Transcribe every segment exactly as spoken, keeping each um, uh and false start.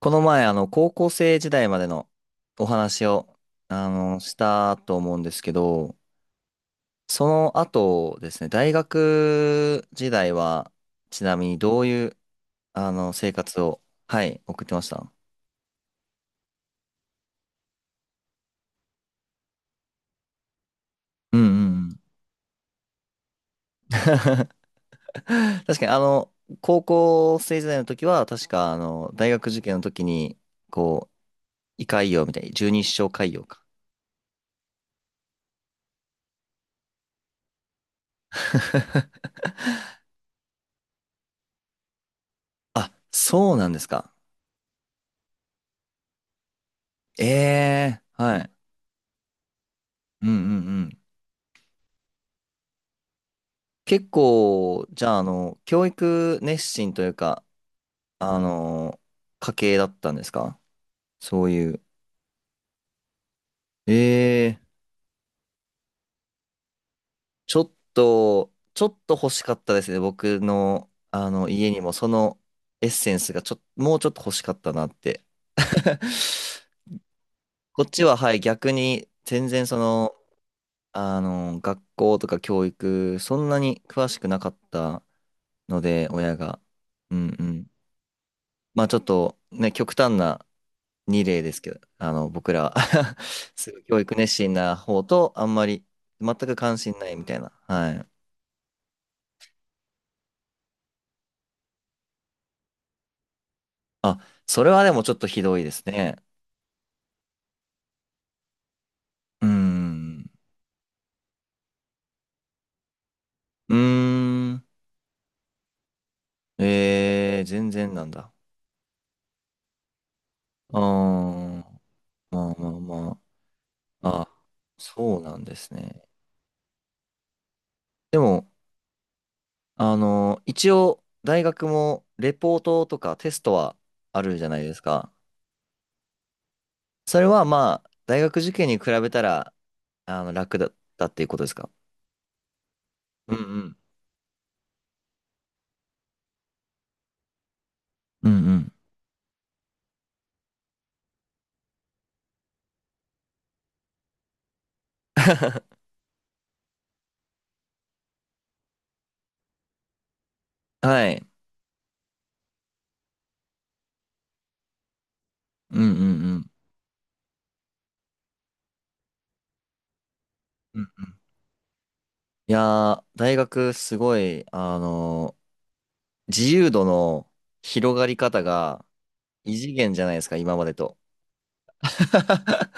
この前、あの、高校生時代までのお話を、あの、したと思うんですけど、その後ですね、大学時代は、ちなみにどういう、あの、生活を、はい、送ってました。うんうんうん。確かに、あの、高校生時代の時は、確か、あの、大学受験の時に、こう、胃潰瘍みたいに、十二指腸潰瘍か。あ、そうなんですか。ええ、はい。うんうんうん。結構、じゃあ、あの、教育熱心というか、あの、家系だったんですか、そういう。ええ、ちょっと、ちょっと欲しかったですね。僕の、あの、家にもそのエッセンスがちょっと、もうちょっと欲しかったなって。こっちは、はい、逆に、全然その、あの、学校とか教育、そんなに詳しくなかったので、親が。うんうん。まあちょっとね、極端な二例ですけど、あの、僕らは すごい教育熱心な方と、あんまり、全く関心ないみたいな。はい。あ、それはでもちょっとひどいですね。うーん。うーん。えー、全然なんだ。あー、まあまあまあ。あ、そうなんですね。でも、あの、一応、大学も、レポートとかテストはあるじゃないですか。それはまあ、大学受験に比べたら、あの、楽だったっていうことですか。うんうん。うんうん。はい。うんうんうん。うんうん、いやー、大学すごい、あのー自由度の広がり方が異次元じゃないですか、今までと。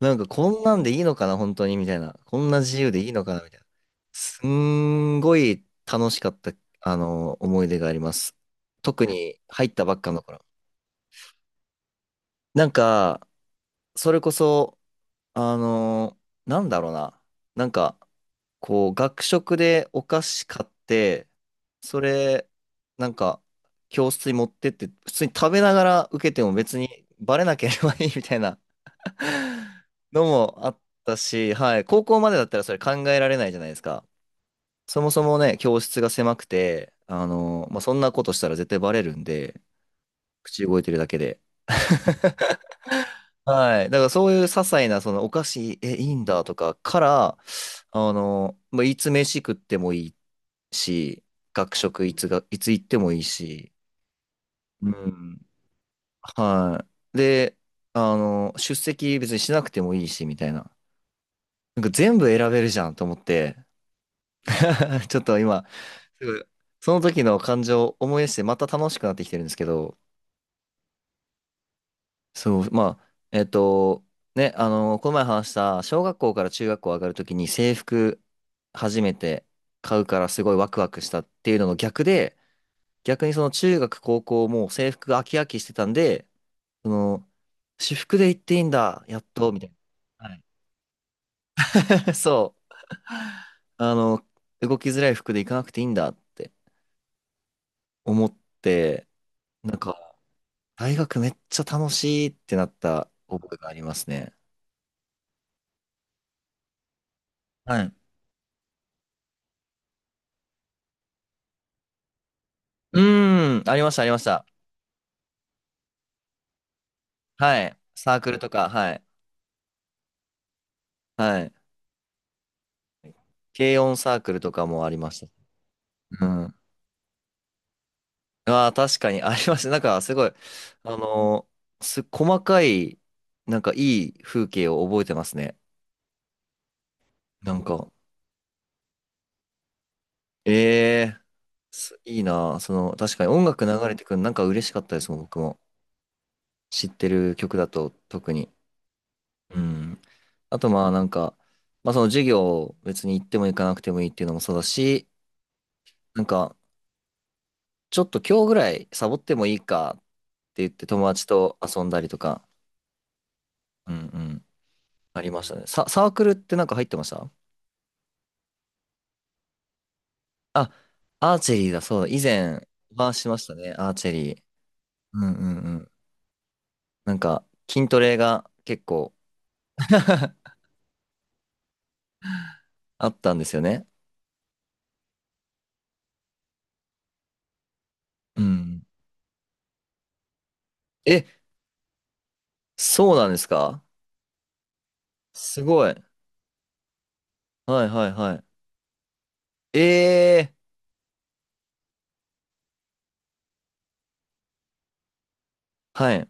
なんかこんなんでいいのかな、本当に、みたいな。こんな自由でいいのかな、みたいな。すんごい楽しかった、あのー思い出があります。特に入ったばっかの頃。なんか、それこそ、あのーなんだろうな。なんか、こう、学食でお菓子買って、それ、なんか、教室に持ってって、普通に食べながら受けても別にバレなければいいみたいな のもあったし、はい、高校までだったらそれ考えられないじゃないですか。そもそもね、教室が狭くて、あの、まあ、そんなことしたら絶対バレるんで、口動いてるだけで。はい。だからそういう些細な、そのお菓子、え、いいんだとかから、あの、まあ、いつ飯食ってもいいし、学食いつが、いつ行ってもいいし、うん。はい。で、あの、出席別にしなくてもいいし、みたいな。なんか全部選べるじゃんと思って、ちょっと今、すごいその時の感情を思い出して、また楽しくなってきてるんですけど、そう、まあ、えっと、ね、あの、この前話した、小学校から中学校上がるときに制服初めて買うからすごいワクワクしたっていうのの逆で、逆にその中学高校も制服が飽き飽きしてたんで、その、私服で行っていいんだ、やっと、みたいな。はい そう。あの、動きづらい服で行かなくていいんだって思って、なんか、大学めっちゃ楽しいってなった覚えがありますね。はい。うーん、ありました、ありました。はい。サークルとか、はい。はい。軽音サークルとかもありました。うん。ああ、確かにありました。なんか、すごい、あのーす、細かい、なんかいい風景を覚えてますね。なんか、ええ、すいいなあその、確かに音楽流れてくるのなんか嬉しかったですもん、僕も。知ってる曲だと特に。うん。あとまあなんか、まあその授業別に行っても行かなくてもいいっていうのもそうだし、なんか、ちょっと今日ぐらいサボってもいいかって言って友達と遊んだりとか、うんうん、ありましたね。サ、サークルってなんか入ってましたあ、アーチェリーだ、そうだ。以前、お話ししましたね、アーチェリー。うんうんうん。なんか、筋トレが結構 あったんですよね。うん。え、そうなんですか。すごい。はいはいはい。えー、はい、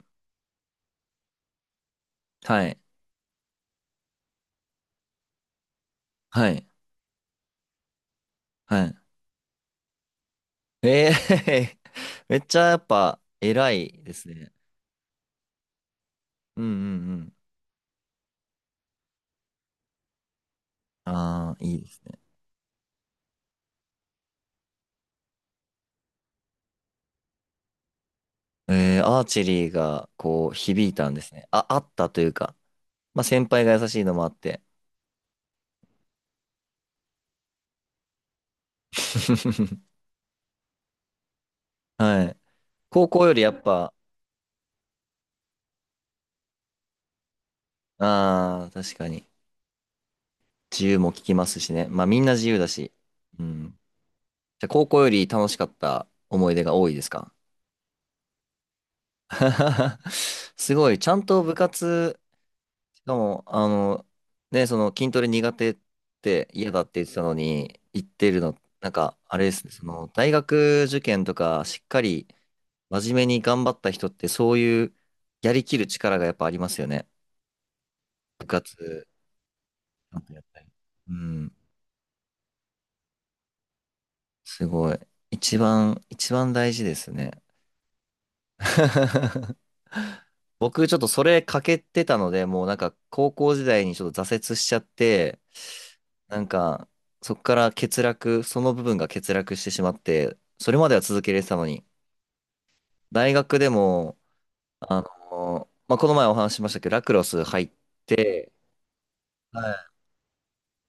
はい、はい、はい。えー、めっちゃやっぱ偉いですね。うんうんうん。ああ、いいですね。えー、アーチェリーがこう響いたんですね。あ、あったというか、まあ先輩が優しいのもあって。はい。高校よりやっぱ、ああ、確かに自由も聞きますしね。まあみんな自由だし。うん。じゃあ高校より楽しかった思い出が多いですか。 すごい、ちゃんと部活、しかも、あの、ね、その筋トレ苦手って嫌だって言ってたのに、言ってるの、なんか、あれですね、その、大学受験とか、しっかり真面目に頑張った人って、そういう、やりきる力がやっぱありますよね。部活、ちゃんとやったり。うん、すごい。一番、一番大事ですね。僕ちょっとそれ欠けてたので、もうなんか高校時代にちょっと挫折しちゃって、なんかそこから欠落、その部分が欠落してしまって、それまでは続けられてたのに、大学でも、あの、まあ、この前お話ししましたけど、ラクロス入って、は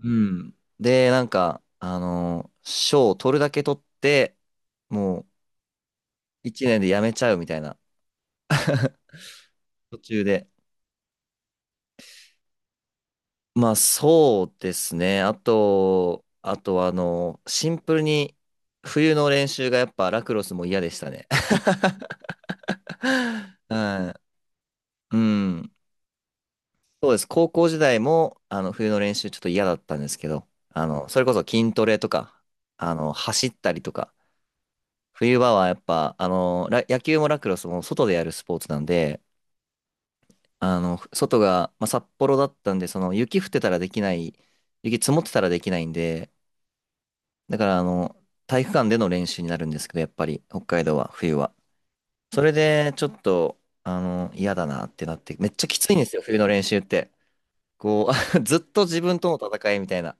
い。うん。で、なんか、あの、賞を取るだけ取って、もう一年で辞めちゃうみたいな、途中で。まあそうですね。あと、あとはあの、シンプルに冬の練習がやっぱラクロスも嫌でしたね。はい。うん。そうです。高校時代もあの冬の練習ちょっと嫌だったんですけど、あの、それこそ筋トレとか、あの、走ったりとか、冬場はやっぱ、あの、ラ野球もラクロスも外でやるスポーツなんで、あの、外が、まあ、札幌だったんで、その雪降ってたらできない、雪積もってたらできないんで、だからあの、体育館での練習になるんですけど、やっぱり北海道は冬は。それでちょっと、あの、嫌だなってなって、めっちゃきついんですよ、冬の練習って。こう、ずっと自分との戦いみたいな。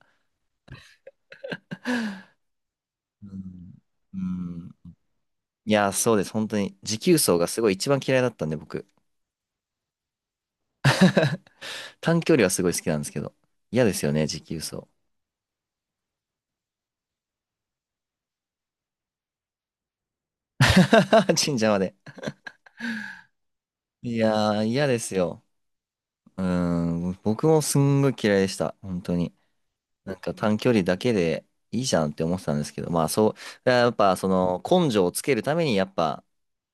うん。うん、いや、そうです。本当に。持久走がすごい一番嫌いだったんで、僕。短距離はすごい好きなんですけど。嫌ですよね、持久走。神社まで。いやー、嫌ですよ。うん。僕もすんごい嫌いでした。本当に。なんか短距離だけでいいじゃんって思ってたんですけど、まあそう、やっぱその根性をつけるためにやっぱ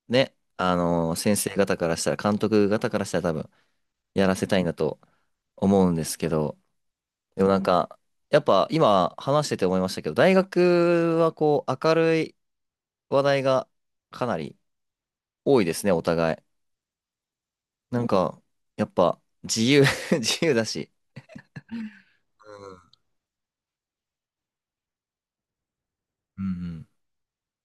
ね、あの先生方からしたら、監督方からしたら多分やらせたいんだと思うんですけど、でもなんか、やっぱ今話してて思いましたけど、大学はこう明るい話題がかなり多いですね、お互い。なんか、やっぱ自由 自由だし。うんうん